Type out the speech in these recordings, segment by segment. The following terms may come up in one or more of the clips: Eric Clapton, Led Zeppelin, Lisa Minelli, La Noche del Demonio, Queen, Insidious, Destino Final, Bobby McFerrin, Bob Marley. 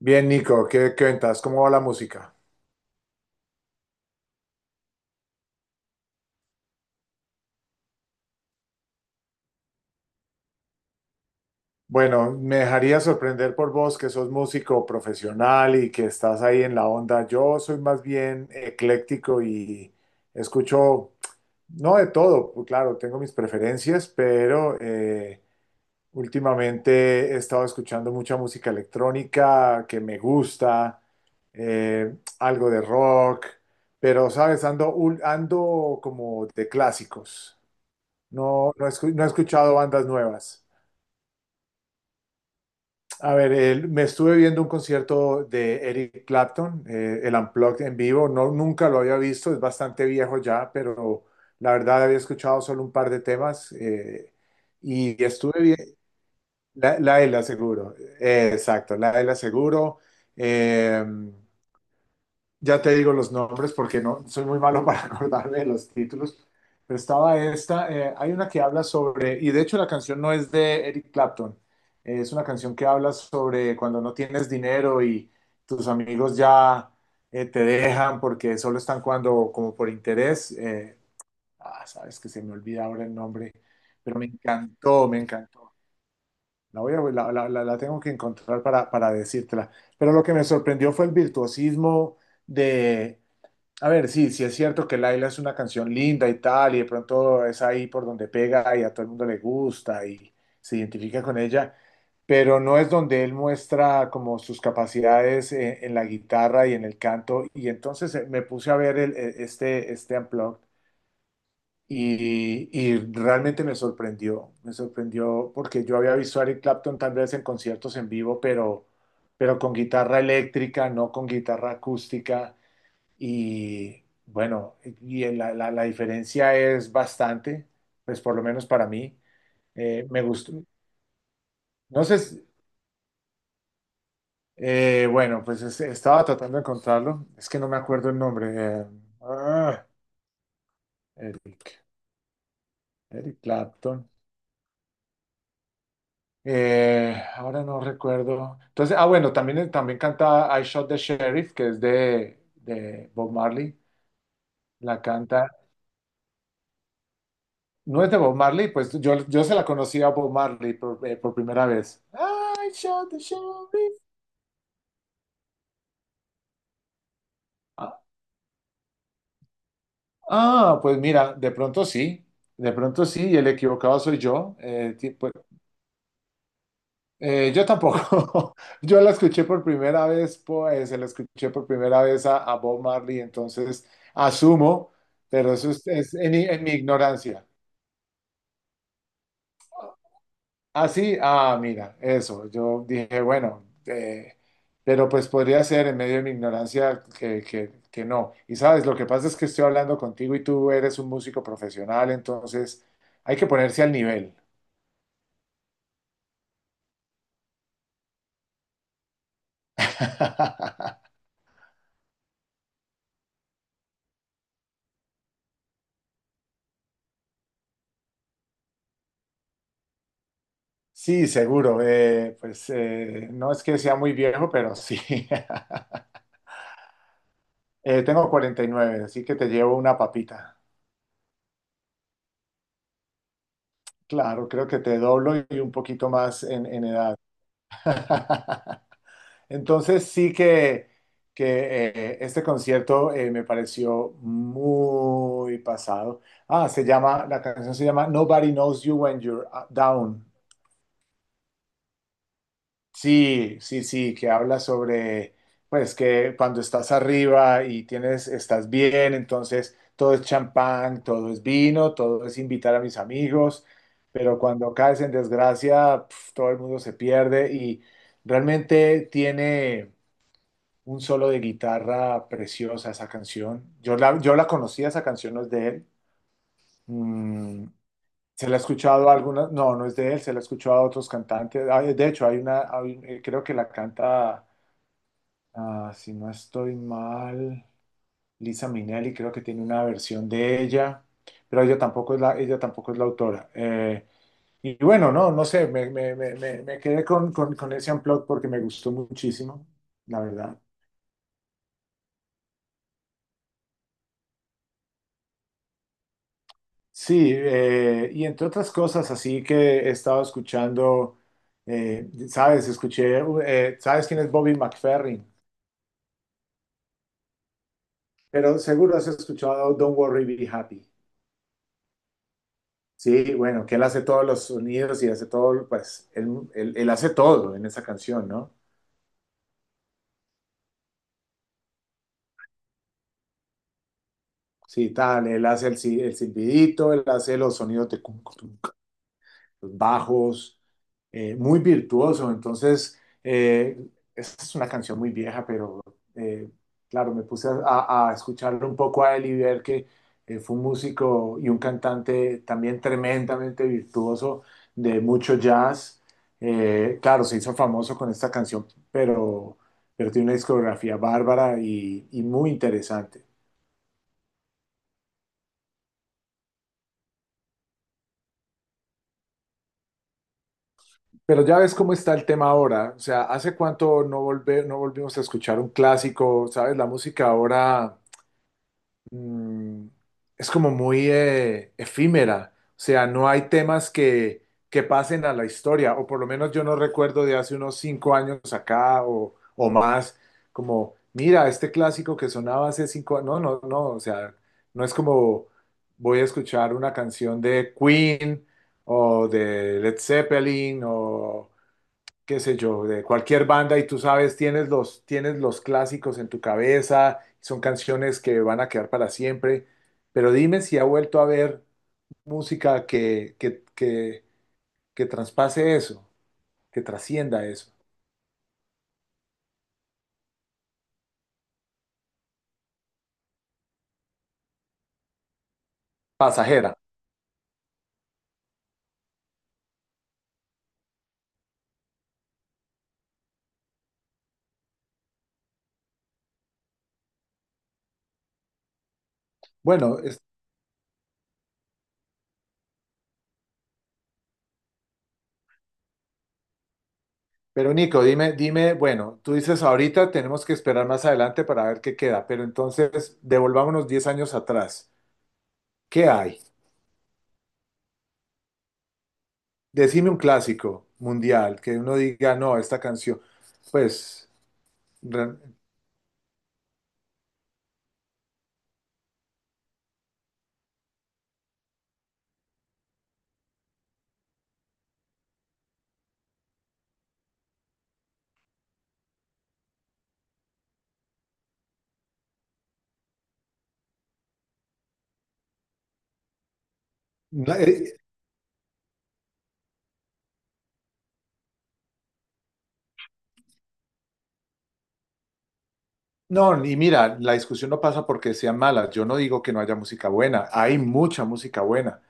Bien, Nico, ¿qué cuentas? ¿Cómo va la música? Bueno, me dejaría sorprender por vos que sos músico profesional y que estás ahí en la onda. Yo soy más bien ecléctico y escucho, no de todo, pues claro, tengo mis preferencias, pero últimamente he estado escuchando mucha música electrónica que me gusta, algo de rock, pero sabes, ando como de clásicos. No, no he escuchado bandas nuevas. A ver, me estuve viendo un concierto de Eric Clapton, el Unplugged en vivo. No, nunca lo había visto, es bastante viejo ya, pero la verdad había escuchado solo un par de temas y estuve bien. La de la Seguro, exacto, la de la Seguro. Eh, ya te digo los nombres porque no soy muy malo para acordarme de los títulos, pero estaba esta, hay una que habla sobre, y de hecho la canción no es de Eric Clapton, es una canción que habla sobre cuando no tienes dinero y tus amigos ya te dejan porque solo están cuando como por interés. Sabes que se me olvida ahora el nombre, pero me encantó, me encantó. La voy a, la- la- la tengo que encontrar para decírtela. Pero lo que me sorprendió fue el virtuosismo de a ver, sí, sí es cierto que Laila es una canción linda y tal, y de pronto es ahí por donde pega y a todo el mundo le gusta y se identifica con ella, pero no es donde él muestra como sus capacidades en la guitarra y en el canto. Y entonces me puse a ver este Unplugged y realmente me sorprendió porque yo había visto a Eric Clapton tal vez en conciertos en vivo, pero con guitarra eléctrica, no con guitarra acústica. Y bueno, y la diferencia es bastante, pues por lo menos para mí. Me gustó. No sé, bueno, pues estaba tratando de encontrarlo. Es que no me acuerdo el nombre. Eh, ah, Eric, Eric Clapton. Ahora no recuerdo. Entonces, bueno, también canta I Shot the Sheriff, que es de Bob Marley. La canta No es de Bob Marley, pues yo se la conocí a Bob Marley por primera vez. I Shot the Sheriff. Ah, pues mira, de pronto sí, y el equivocado soy yo. Pues, yo tampoco. Yo la escuché por primera vez, pues se la escuché por primera vez a Bob Marley, entonces asumo, pero eso es en mi ignorancia. Ah, sí, mira, eso. Yo dije, bueno, pero pues podría ser en medio de mi ignorancia que no. Y sabes, lo que pasa es que estoy hablando contigo y tú eres un músico profesional, entonces hay que ponerse al nivel. Sí, seguro. Pues no es que sea muy viejo, pero sí. Tengo 49, así que te llevo una papita. Claro, creo que te doblo y un poquito más en edad. Entonces sí que este concierto me pareció muy pasado. La canción se llama Nobody Knows You When You're Down. Sí, sí, sí, que habla sobre, pues que cuando estás arriba y estás bien, entonces todo es champán, todo es vino, todo es invitar a mis amigos, pero cuando caes en desgracia, pf, todo el mundo se pierde y realmente tiene un solo de guitarra preciosa esa canción. Yo la conocía, esa canción no es de él. Mm, se la he escuchado a algunas, no, no es de él, se la he escuchado a otros cantantes. De hecho, creo que la canta, si no estoy mal, Lisa Minelli, creo que tiene una versión de ella, pero ella tampoco es la autora. Y bueno, no, no sé, me quedé con ese Unplugged porque me gustó muchísimo, la verdad. Sí, y entre otras cosas, así que he estado escuchando, sabes, ¿sabes quién es Bobby McFerrin? Pero seguro has escuchado Don't Worry, Be Happy. Sí, bueno, que él hace todos los sonidos y hace todo, pues, él hace todo en esa canción, ¿no? Sí, tal, él hace el, si- el silbidito, él hace los sonidos de cum, cum, los bajos, muy virtuoso. Entonces, eh, esta es una canción muy vieja, pero eh, claro, me puse a escucharlo un poco a él y ver que fue un músico y un cantante también tremendamente virtuoso de mucho jazz. Claro, se hizo famoso con esta canción, pero, pero tiene una discografía bárbara y muy interesante. Pero ya ves cómo está el tema ahora, o sea, ¿hace cuánto no volvimos a escuchar un clásico? ¿Sabes? La música ahora mm, es como muy efímera, o sea, no hay temas que pasen a la historia, o por lo menos yo no recuerdo de hace unos 5 años acá o más, como, mira, este clásico que sonaba hace 5 años, no, no, no, o sea, no es como voy a escuchar una canción de Queen o de Led Zeppelin o qué sé yo, de cualquier banda y tú sabes, tienes los clásicos en tu cabeza, son canciones que van a quedar para siempre, pero dime si ha vuelto a haber música que traspase eso, que trascienda eso, pasajera. Bueno, pero Nico, dime, dime, bueno, tú dices ahorita tenemos que esperar más adelante para ver qué queda, pero entonces devolvámonos 10 años atrás. ¿Qué hay? Decime un clásico mundial que uno diga, no, esta canción, pues Re- la- eh, no, y mira, la discusión no pasa porque sean malas. Yo no digo que no haya música buena. Hay mucha música buena.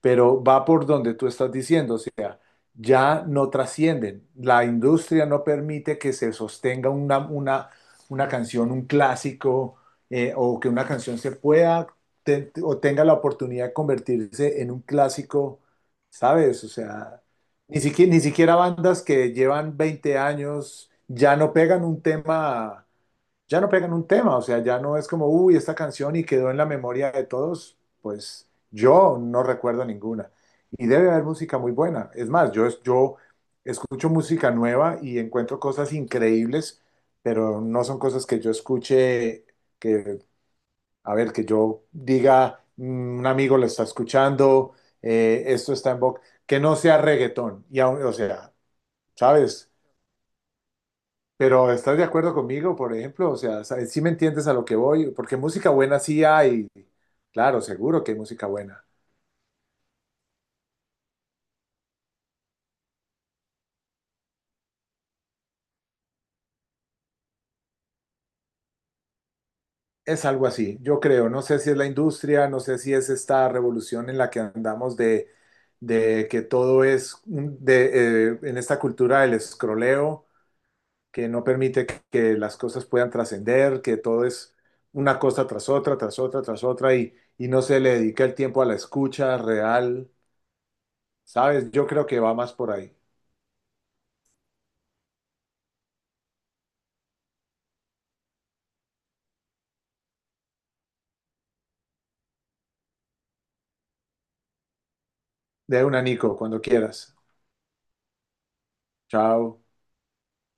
Pero va por donde tú estás diciendo, o sea, ya no trascienden. La industria no permite que se sostenga una canción, un clásico, o que una canción o tenga la oportunidad de convertirse en un clásico, ¿sabes? O sea, ni siquiera, ni siquiera bandas que llevan 20 años ya no pegan un tema ya no pegan un tema, o sea, ya no es como, uy, esta canción y quedó en la memoria de todos, pues yo no recuerdo ninguna. Y debe haber música muy buena. Es más, yo escucho música nueva y encuentro cosas increíbles, pero no son cosas que yo escuche, que, a ver, que yo diga, "Mm, un amigo lo está escuchando, esto está en boca, que no sea reggaetón". Y, o sea, ¿sabes? Pero ¿estás de acuerdo conmigo, por ejemplo? O sea, sí me entiendes a lo que voy, porque música buena sí hay. Claro, seguro que hay música buena. Es algo así, yo creo. No sé si es la industria, no sé si es esta revolución en la que andamos de que todo es en esta cultura del escroleo, que no permite que las cosas puedan trascender, que todo es una cosa tras otra, tras otra, tras otra, y no se le dedica el tiempo a la escucha real, ¿sabes? Yo creo que va más por ahí. De una, Nico, cuando quieras. Chao.